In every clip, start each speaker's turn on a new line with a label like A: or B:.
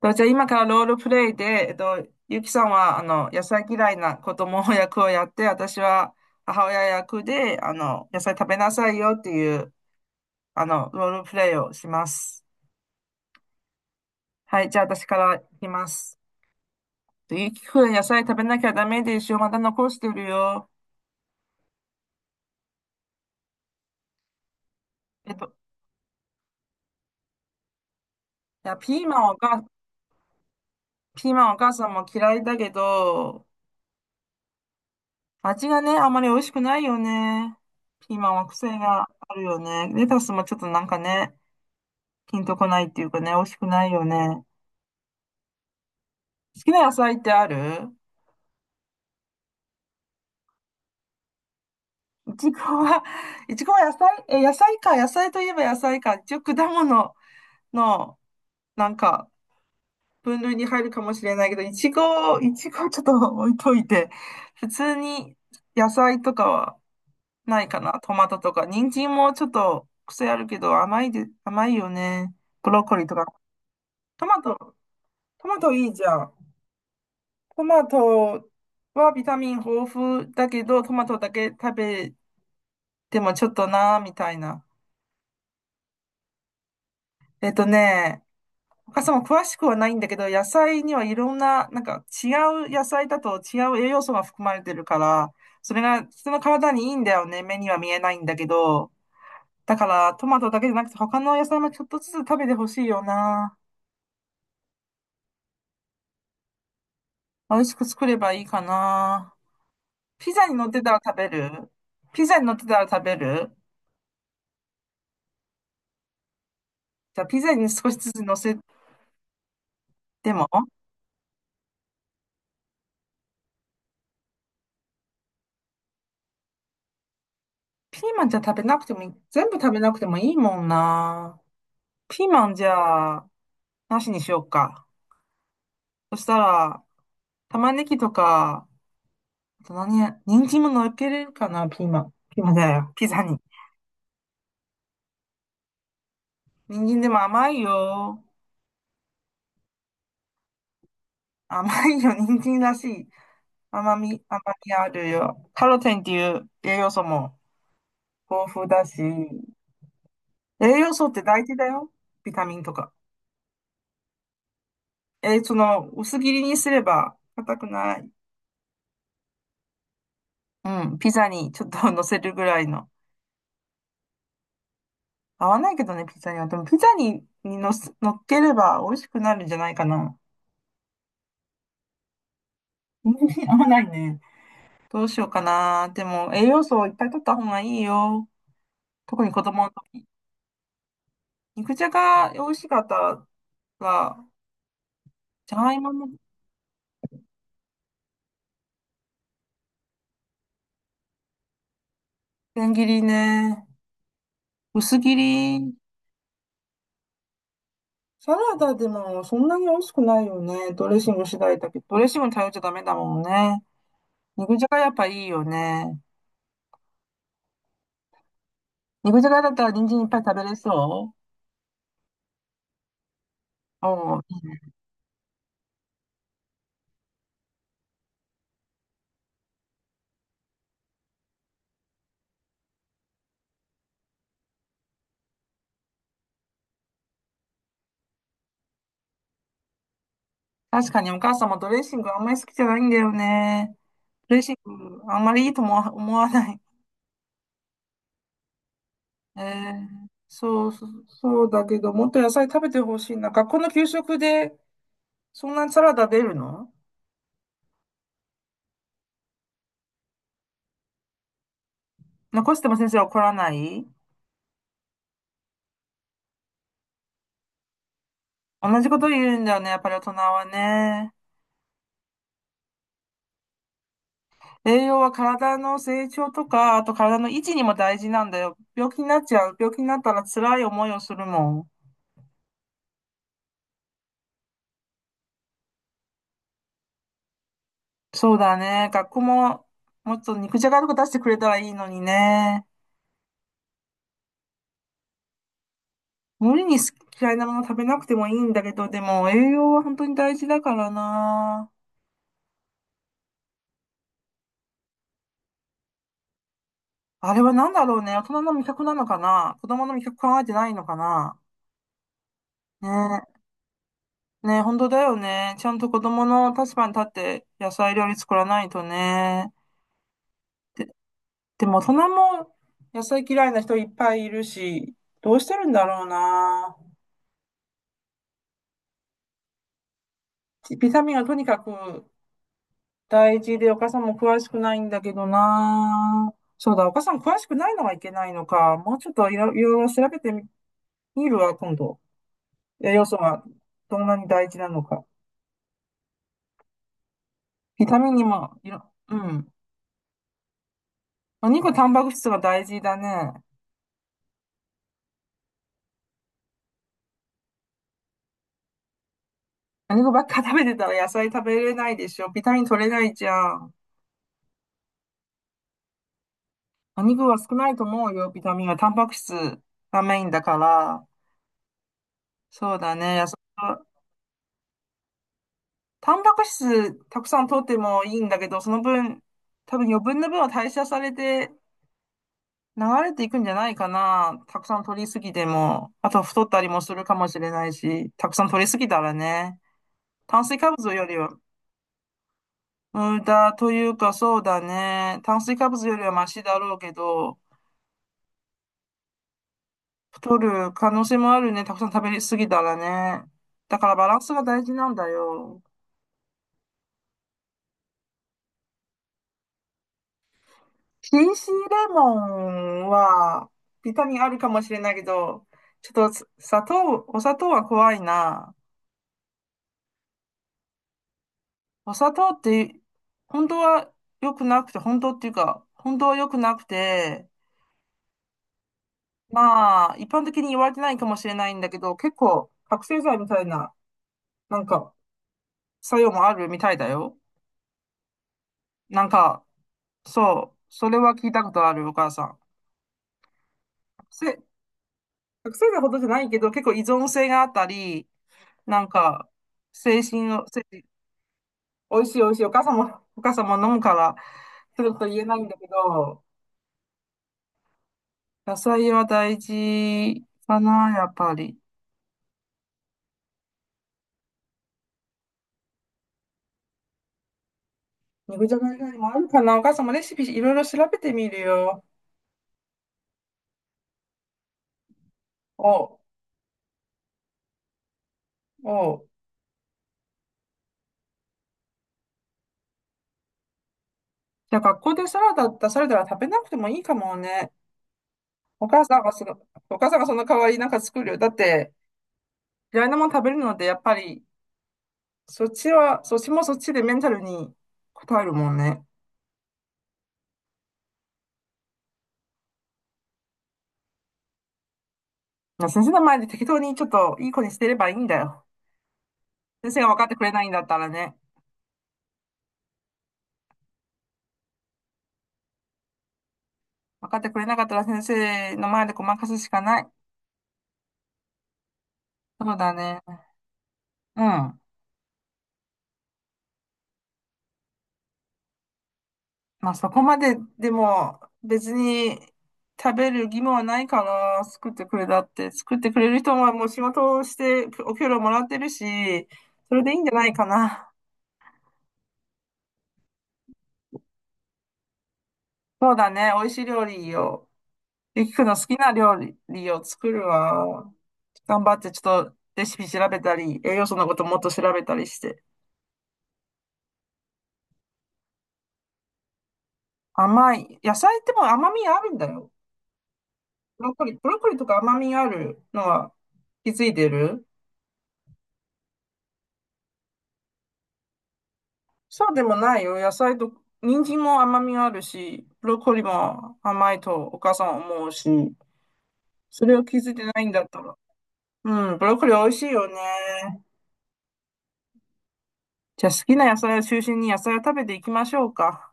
A: と、じゃあ今からロールプレイで、ゆきさんは、野菜嫌いな子供役をやって、私は母親役で、野菜食べなさいよっていう、ロールプレイをします。はい、じゃあ私からいきます。ゆきくん、野菜食べなきゃダメでしょ。また残してるよ。えっと、いや、ピーマンお母さんも嫌いだけど、味がね、あまり美味しくないよね。ピーマンは癖があるよね。レタスもちょっとなんかね、ピンとこないっていうかね、美味しくないよね。好きな野菜ってある？いちごは、いちごは野菜、野菜か、野菜といえば野菜か。一応果物の、なんか、分類に入るかもしれないけど、いちごちょっと置いといて、普通に野菜とかはないかな。トマトとか。人参もちょっと癖あるけど、甘いよね。ブロッコリーとか。トマト、トマトいいじゃん。トマトはビタミン豊富だけど、トマトだけ食べてもちょっとなーみたいな。えっとね、お母さんも詳しくはないんだけど、野菜にはいろんな、なんか違う野菜だと違う栄養素が含まれてるから、それが人の体にいいんだよね。目には見えないんだけど。だからトマトだけじゃなくて他の野菜もちょっとずつ食べてほしいよな。美味しく作ればいいかな。ピザに乗ってたら食べる。ピザに乗ってたら食べる。じゃあ、ピザに少しずつ乗せ。でも、ピーマンじゃ食べなくてもいい、全部食べなくてもいいもんな。ピーマンじゃあ、なしにしようか。そしたら、玉ねぎとか、あと何や、人参も乗っけれるかな、ピーマン。ピーマンじゃないよ、ピザに。人参でも甘いよ。甘いよ、人参らしい。甘みあるよ。カロテンっていう栄養素も豊富だし、栄養素って大事だよ。ビタミンとか。その、薄切りにすれば硬くない。うん、ピザにちょっと 乗せるぐらいの。合わないけどね、ピザには。でも、ピザに乗っければ美味しくなるんじゃないかな。合わないね。どうしようかな。でも、栄養素をいっぱい取った方がいいよ。特に子供の時。肉じゃが美味しかったら、じゃがいもの千切りね。薄切り。サラダでもそんなに美味しくないよね。ドレッシング次第だけど、ドレッシングに頼っちゃダメだもんね。肉じゃがやっぱいいよね。肉じゃがだったら人参いっぱい食べれそう？おー。確かにお母様ドレッシングあんまり好きじゃないんだよね。ドレッシングあんまりいいとも思わない。えー、そうそう、そうだけど、もっと野菜食べてほしいな。学校の給食でそんなにサラダ出るの？残しても先生怒らない？同じこと言うんだよね、やっぱり大人はね。栄養は体の成長とか、あと体の維持にも大事なんだよ。病気になっちゃう。病気になったら辛い思いをするもん。そうだね。学校も、もっと肉じゃがとか出してくれたらいいのにね。無理に好き嫌いなもの食べなくてもいいんだけど、でも栄養は本当に大事だからな。あれは何だろうね。大人の味覚なのかな？子供の味覚考えてないのかな？ねえ。ねえ、本当だよね。ちゃんと子供の立場に立って野菜料理作らないとね。で、でも大人も野菜嫌いな人いっぱいいるし、どうしてるんだろうな。ビタミンはとにかく大事で、お母さんも詳しくないんだけどな。そうだ、お母さん詳しくないのはいけないのか。もうちょっといろいろ調べてみるわ、今度。栄養素はどんなに大事なのか。ビタミンにも、うん。お肉、タンパク質が大事だね。お肉ばっか食べてたら野菜食べれないでしょ。ビタミン取れないじゃん。お肉は少ないと思うよ、ビタミンは。タンパク質がメインだから。そうだね。野菜タンパク質たくさん取ってもいいんだけど、その分、多分余分な分は代謝されて流れていくんじゃないかな。たくさん取りすぎても、あとは太ったりもするかもしれないし、たくさん取りすぎたらね、炭水化物よりは無駄というかそうだね。炭水化物よりはマシだろうけど、太る可能性もあるね。たくさん食べ過ぎたらね。だからバランスが大事なんだよ。CC レモンは、ビタミンあるかもしれないけど、ちょっとさお砂糖は怖いな。お砂糖って、本当は良くなくて、本当っていうか、本当は良くなくて、まあ、一般的に言われてないかもしれないんだけど、結構、覚醒剤みたいな、なんか、作用もあるみたいだよ。なんか、そう、それは聞いたことある、お母さん。覚醒、覚醒剤ほどじゃないけど、結構依存性があったり、なんか、精神の、精。美味しい美味しい。お母さんも飲むから、すると言えないんだけど、野菜は大事かな、やっぱり。肉じゃが以外にもあるかな。お母さんもレシピいろいろ調べてみるよ。おう、おう。じゃあ学校でサラダだったらサラダは食べなくてもいいかもね。お母さんがその、お母さんがその代わりなんか作るよ。だって、嫌いなもの食べるので、やっぱり、そっちもそっちでメンタルに応えるもんね。まあ先生の前で適当にちょっといい子にしてればいいんだよ。先生が分かってくれないんだったらね。分かってくれなかったら先生の前でごまかすしかない。そうだね。うん。まあそこまででも別に食べる義務はないかな。作ってくれたって。作ってくれる人はもう仕事をしてお給料もらってるし、それでいいんじゃないかな。そうだね。美味しい料理を、ゆきくんの好きな料理を作るわ。頑張ってちょっとレシピ調べたり、栄養素のこともっと調べたりして。甘い。野菜ってもう甘みあるんだよ。ブロッコリーとか甘みあるのは気づいてる？そうでもないよ。野菜と、人参も甘みあるし、ブロッコリーも甘いとお母さんは思うし、それを気づいてないんだったら。うん、ブロッコリー美味しいよね。じゃあ好きな野菜を中心に野菜を食べていきましょうか。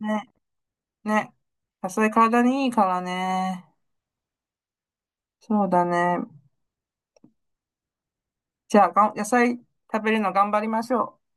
A: ね、ね。野菜体にいいからね。そうだね。じゃあ野菜食べるの頑張りましょう。